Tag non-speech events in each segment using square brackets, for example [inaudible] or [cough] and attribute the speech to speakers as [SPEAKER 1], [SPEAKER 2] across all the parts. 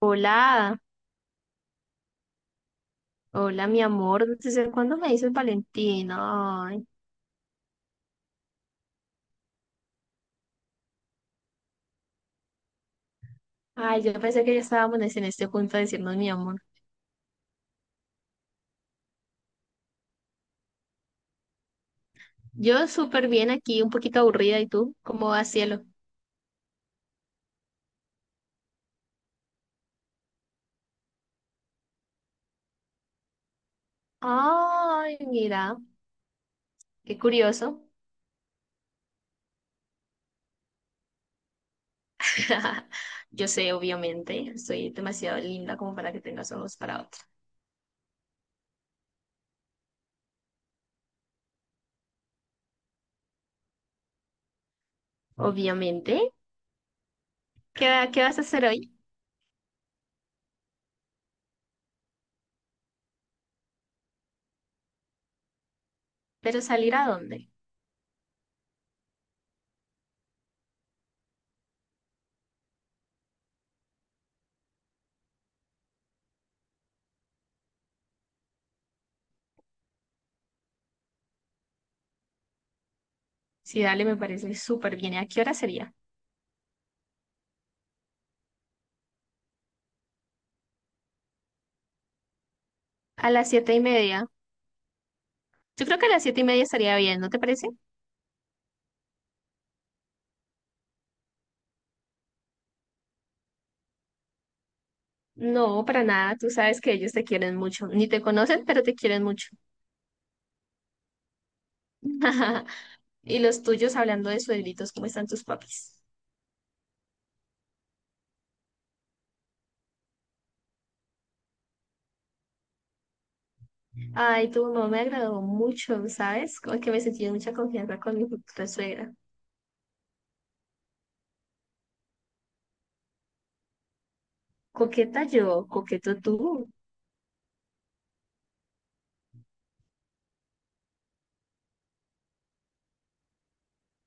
[SPEAKER 1] Hola, hola mi amor, ¿desde cuándo me dices Valentino? Ay, ay, yo pensé que ya estábamos en este punto de decirnos mi amor. Yo súper bien aquí, un poquito aburrida, ¿y tú? ¿Cómo va, cielo? Ay, mira, qué curioso. [laughs] Yo sé, obviamente, soy demasiado linda como para que tengas ojos para otra. Obviamente, ¿qué vas a hacer hoy? ¿Pero salir a dónde? Sí, dale, me parece súper bien. ¿A qué hora sería? A las siete y media. Yo creo que a las siete y media estaría bien, ¿no te parece? No, para nada. Tú sabes que ellos te quieren mucho. Ni te conocen, pero te quieren mucho. [laughs] Y los tuyos, hablando de suegritos, ¿cómo están tus papis? Ay, tu mamá me agradó mucho, ¿sabes? Como que me sentí en mucha confianza con mi futura suegra. Coqueta yo, coqueto tú.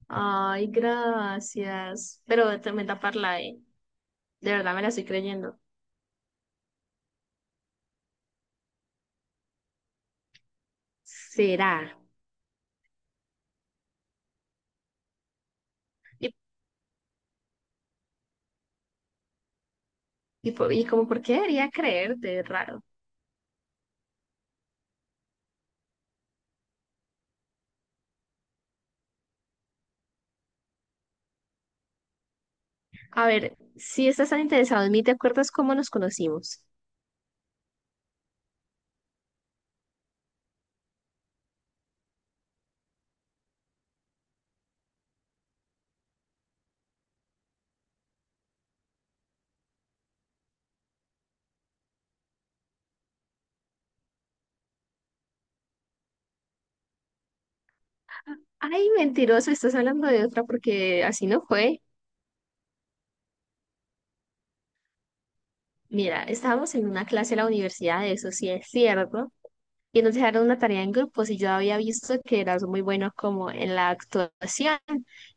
[SPEAKER 1] Ay, gracias. Pero de tremenda parla, ¿eh? De verdad me la estoy creyendo. ¿Será? ¿Y, y como por qué debería creerte? Es raro. A ver, si estás tan interesado en mí, ¿te acuerdas cómo nos conocimos? Ay, mentiroso, estás hablando de otra porque así no fue. Mira, estábamos en una clase de la universidad, eso sí es cierto, y nos dejaron una tarea en grupos y yo había visto que eras muy bueno como en la actuación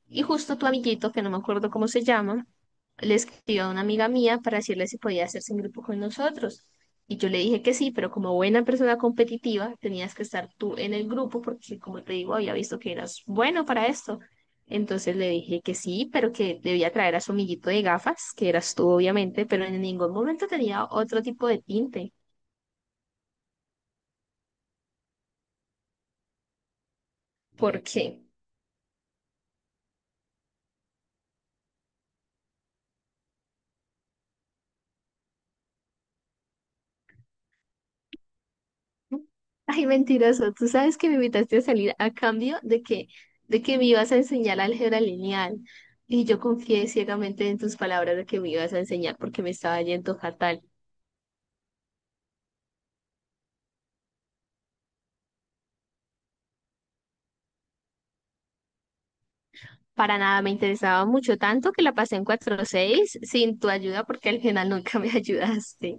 [SPEAKER 1] y justo tu amiguito, que no me acuerdo cómo se llama, le escribió a una amiga mía para decirle si podía hacerse en grupo con nosotros. Y yo le dije que sí, pero como buena persona competitiva tenías que estar tú en el grupo porque, como te digo, había visto que eras bueno para esto. Entonces le dije que sí, pero que debía traer a su amiguito de gafas, que eras tú obviamente, pero en ningún momento tenía otro tipo de tinte. ¿Por qué? Ay, mentiroso, tú sabes que me invitaste a salir a cambio de que me ibas a enseñar álgebra lineal. Y yo confié ciegamente en tus palabras de que me ibas a enseñar porque me estaba yendo fatal. Para nada me interesaba mucho, tanto que la pasé en cuatro punto seis sin tu ayuda porque al final nunca me [laughs] ayudaste.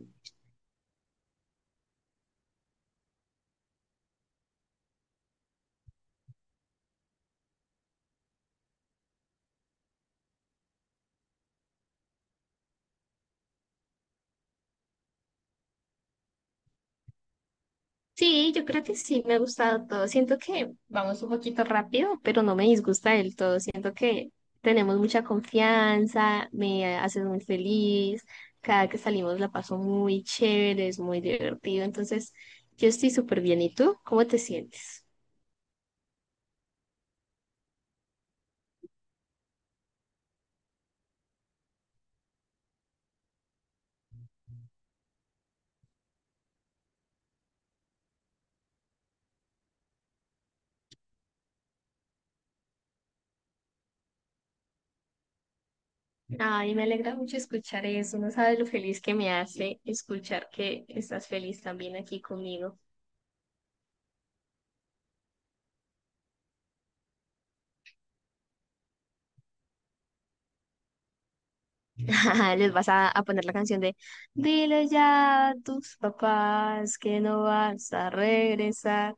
[SPEAKER 1] Sí, yo creo que sí, me ha gustado todo. Siento que vamos un poquito rápido, pero no me disgusta del todo. Siento que tenemos mucha confianza, me haces muy feliz. Cada que salimos la paso muy chévere, es muy divertido. Entonces, yo estoy súper bien. ¿Y tú? ¿Cómo te sientes? Ay, me alegra mucho escuchar eso. No sabes lo feliz que me hace escuchar que estás feliz también aquí conmigo. [laughs] Les vas a poner la canción de "Dile ya a tus papás que no vas a regresar".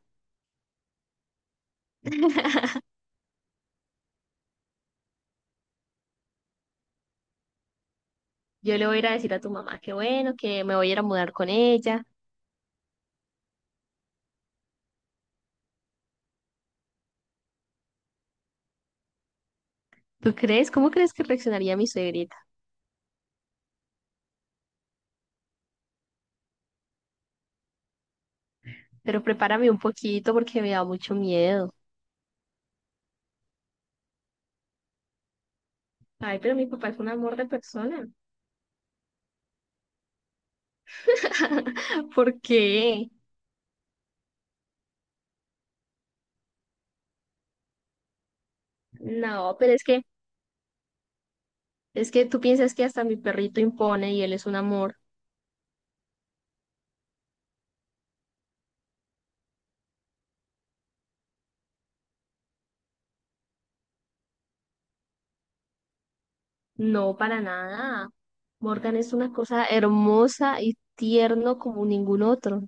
[SPEAKER 1] Yo le voy a ir a decir a tu mamá que bueno, que me voy a ir a mudar con ella. ¿Tú crees? ¿Cómo crees que reaccionaría mi suegrita? Pero prepárame un poquito porque me da mucho miedo. Ay, pero mi papá es un amor de persona. [laughs] ¿Por qué? No, pero es que tú piensas que hasta mi perrito impone y él es un amor. No, para nada. Morgan es una cosa hermosa y tierno como ningún otro.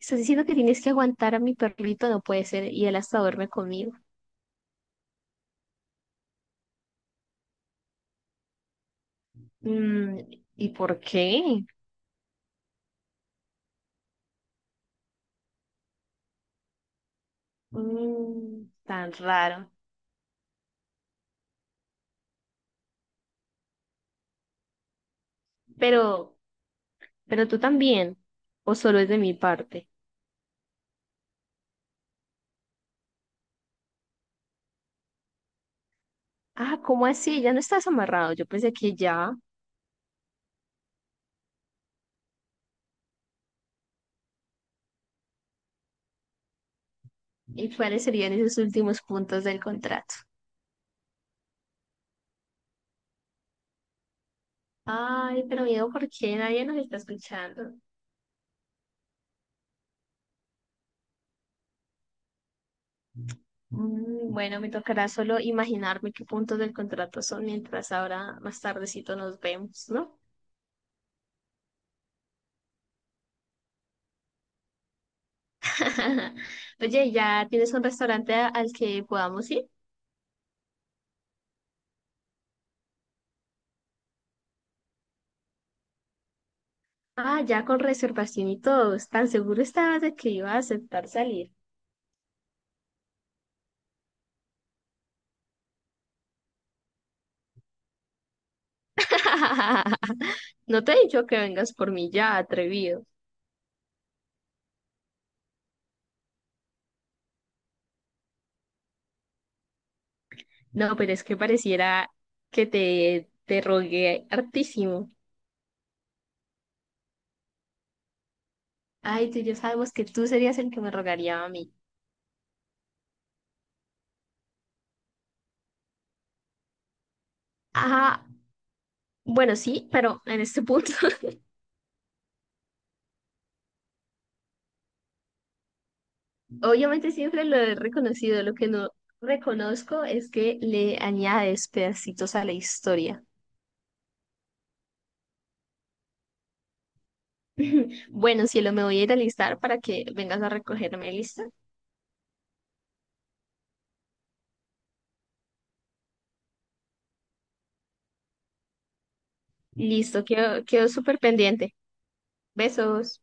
[SPEAKER 1] Estás diciendo que tienes que aguantar a mi perrito, no puede ser, y él hasta duerme conmigo. Mm, ¿Y por qué? Tan raro. Pero, pero tú también, o solo es de mi parte. Ah, ¿cómo así? Ya no estás amarrado. Yo pensé que ya. ¿Y cuáles serían esos últimos puntos del contrato? Ay, pero miedo, ¿por qué nadie nos está escuchando? Bueno, me tocará solo imaginarme qué puntos del contrato son mientras ahora más tardecito nos vemos, ¿no? [laughs] Oye, ¿ya tienes un restaurante al que podamos ir? Ah, ya con reservación y todo. ¿Tan seguro estabas de que iba a aceptar salir? [laughs] No te he dicho que vengas por mí ya, atrevido. No, pero es que pareciera que te rogué hartísimo. Ay, tú y yo sabemos que tú serías el que me rogaría a mí. Ajá, bueno, sí, pero en este punto. [laughs] Obviamente siempre lo he reconocido, lo que no reconozco es que le añades pedacitos a la historia. [laughs] Bueno, cielo, me voy a ir a listar para que vengas a recogerme, ¿listo? Listo, quedo súper pendiente. Besos.